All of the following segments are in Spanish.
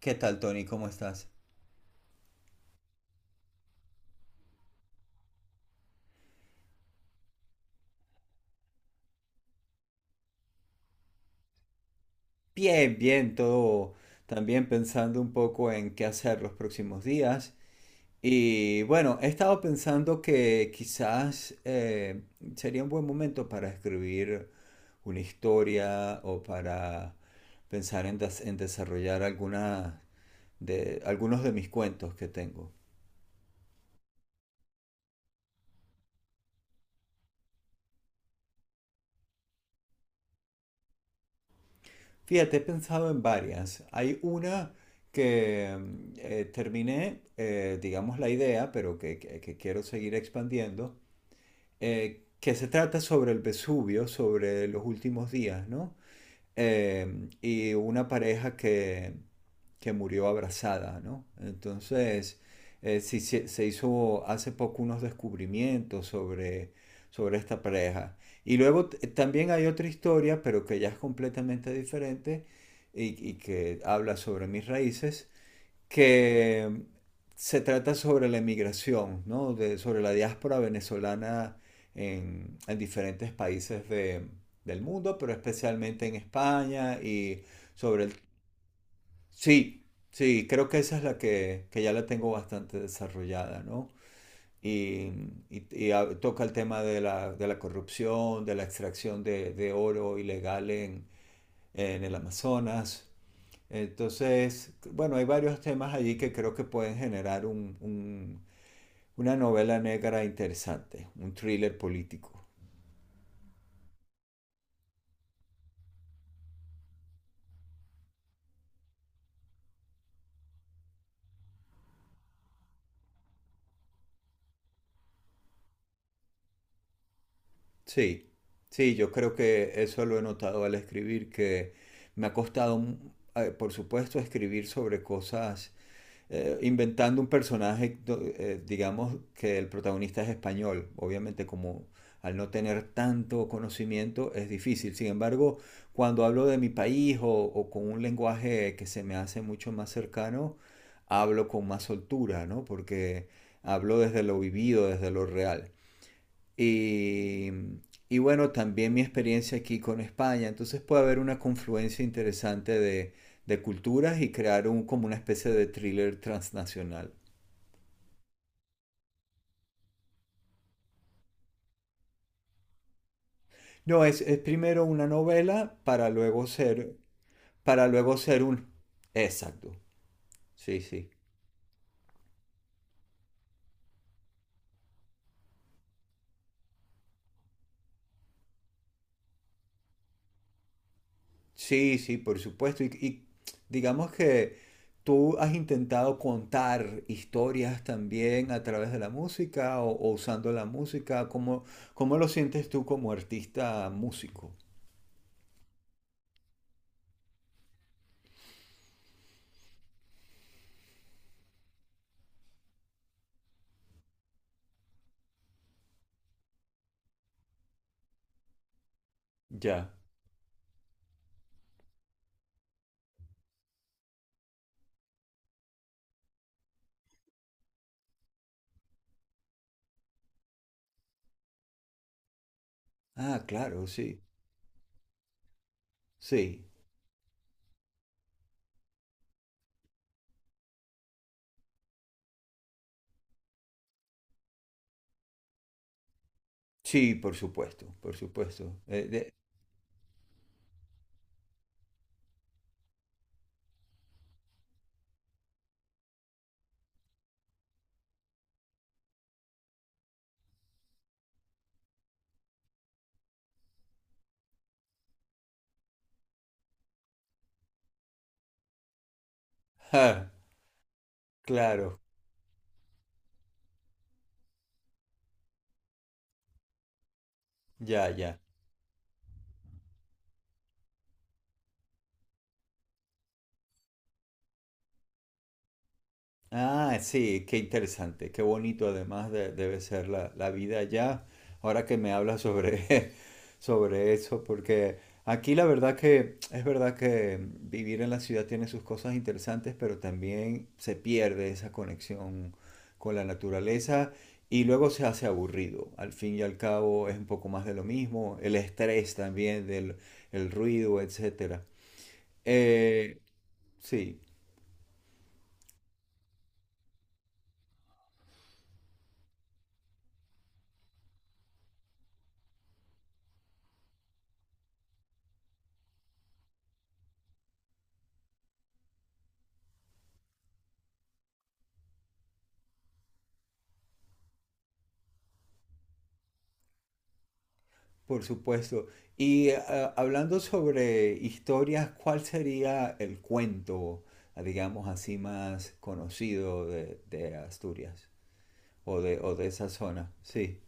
¿Qué tal, Tony? ¿Cómo estás? Bien, bien, todo también pensando un poco en qué hacer los próximos días. Y bueno, he estado pensando que quizás sería un buen momento para escribir una historia o para pensar en desarrollar alguna algunos de mis cuentos que tengo. Fíjate, he pensado en varias. Hay una que terminé, digamos, la idea, pero que quiero seguir expandiendo, que se trata sobre el Vesubio, sobre los últimos días, ¿no? Y una pareja que murió abrazada, ¿no? Entonces, sí, se hizo hace poco unos descubrimientos sobre esta pareja. Y luego también hay otra historia, pero que ya es completamente diferente y que habla sobre mis raíces, que se trata sobre la emigración, ¿no? Sobre la diáspora venezolana en diferentes países del mundo, pero especialmente en España y sobre el... Sí, sí, creo que esa es la que ya la tengo bastante desarrollada, ¿no? Y, toca el tema de de la corrupción, de la extracción de oro ilegal en el Amazonas, entonces, bueno, hay varios temas allí que creo que pueden generar una novela negra interesante, un thriller político. Sí, sí, yo creo que eso lo he notado al escribir, que me ha costado, por supuesto, escribir sobre cosas inventando un personaje, digamos que el protagonista es español, obviamente como al no tener tanto conocimiento es difícil. Sin embargo, cuando hablo de mi país o con un lenguaje que se me hace mucho más cercano, hablo con más soltura, ¿no? Porque hablo desde lo vivido, desde lo real. Y, y bueno, también mi experiencia aquí con España. Entonces puede haber una confluencia interesante de culturas y crear un, como una especie de thriller transnacional. No, es primero una novela para luego ser un... Exacto, sí, sí. Sí, sí, por supuesto. Y digamos que tú has intentado contar historias también a través de la música o usando la música. ¿Cómo, cómo lo sientes tú como artista músico? Ya. Ah, claro, sí. Sí. Sí, por supuesto, por supuesto. Ja, claro. Ya, ya. Ah, sí, qué interesante, qué bonito además debe ser la, la vida allá. Ahora que me hablas sobre, sobre eso, porque aquí la verdad que es verdad que vivir en la ciudad tiene sus cosas interesantes, pero también se pierde esa conexión con la naturaleza y luego se hace aburrido. Al fin y al cabo es un poco más de lo mismo, el estrés también del el ruido, etcétera. Eh, sí. Por supuesto. Y hablando sobre historias, ¿cuál sería el cuento, digamos así, más conocido de Asturias o de esa zona? Sí.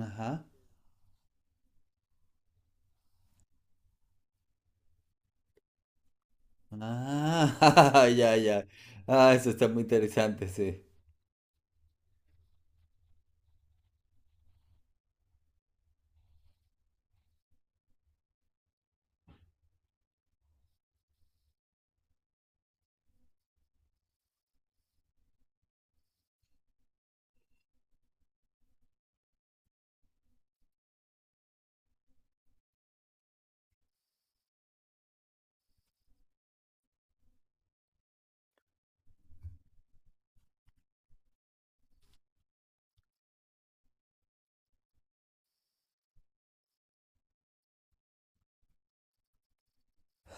Ajá. Ah, ya, ya. Ah, eso está muy interesante, sí.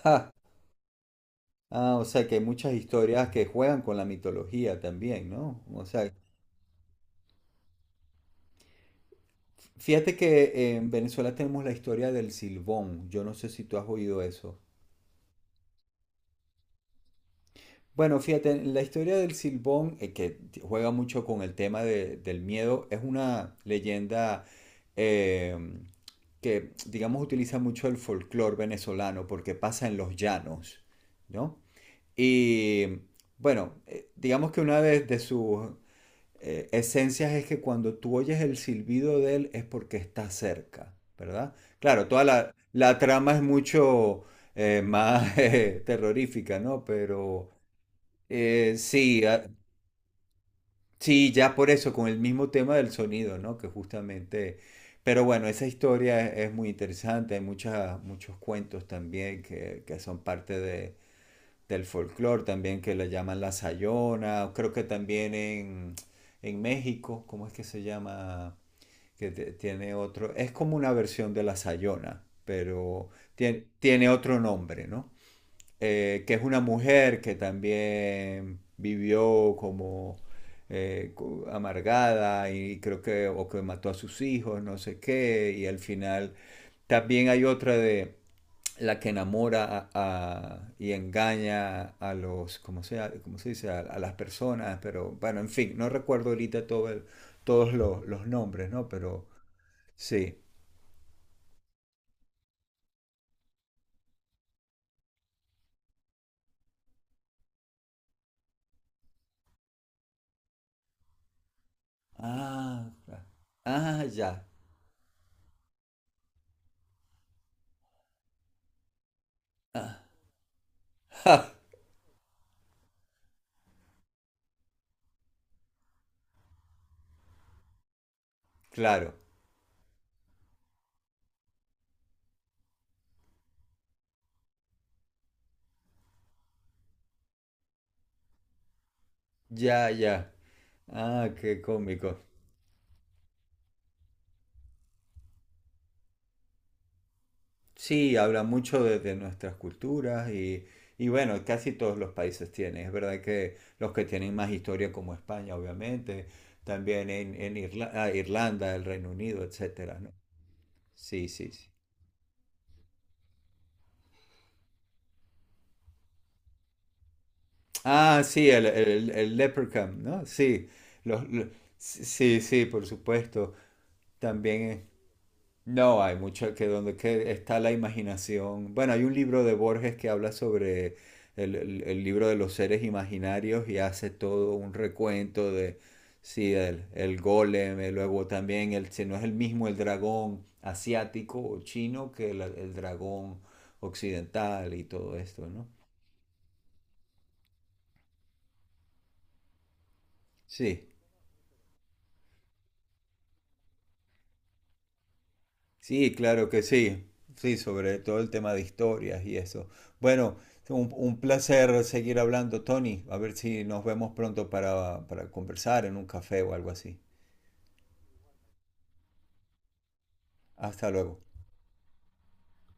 Ja. Ah, o sea que hay muchas historias que juegan con la mitología también, ¿no? O sea, fíjate que en Venezuela tenemos la historia del Silbón. Yo no sé si tú has oído eso. Bueno, fíjate, la historia del Silbón, que juega mucho con el tema del miedo, es una leyenda eh, que, digamos, utiliza mucho el folclore venezolano porque pasa en los llanos, ¿no? Y bueno, digamos que una de sus esencias es que cuando tú oyes el silbido de él es porque está cerca, ¿verdad? Claro, toda la, la trama es mucho más terrorífica, ¿no? Pero... Eh, sí, ah, sí, ya por eso, con el mismo tema del sonido, ¿no? Que justamente... Pero bueno, esa historia es muy interesante, hay muchas, muchos cuentos también que son parte del folclore, también que le llaman la Sayona, creo que también en México, ¿cómo es que se llama? Que tiene otro, es como una versión de la Sayona, pero tiene, tiene otro nombre, ¿no? Que es una mujer que también vivió como amargada y creo que, o que mató a sus hijos, no sé qué, y al final también hay otra de la que enamora y engaña a los, cómo se dice? A las personas, pero bueno, en fin, no recuerdo ahorita todos los nombres, ¿no? Pero sí. Ah, claro. Ah, ya. Ah, claro, ya, ya. Ah, qué cómico. Sí, habla mucho de nuestras culturas y bueno, casi todos los países tienen. Es verdad que los que tienen más historia como España, obviamente, también en, en Irlanda, el Reino Unido, etcétera, ¿no? Sí, sí, sí. Ah, sí, el Leprechaun, ¿no? Sí, los, lo- sí, sí, por supuesto. También. No, hay mucho que donde que está la imaginación. Bueno, hay un libro de Borges que habla sobre el libro de los seres imaginarios y hace todo un recuento de, sí, el golem, y luego también, el, si no es el mismo el dragón asiático o chino que el dragón occidental y todo esto, ¿no? Sí. Sí, claro que sí. Sí, sobre todo el tema de historias y eso. Bueno, un placer seguir hablando, Tony. A ver si nos vemos pronto para conversar en un café o algo así. Hasta luego.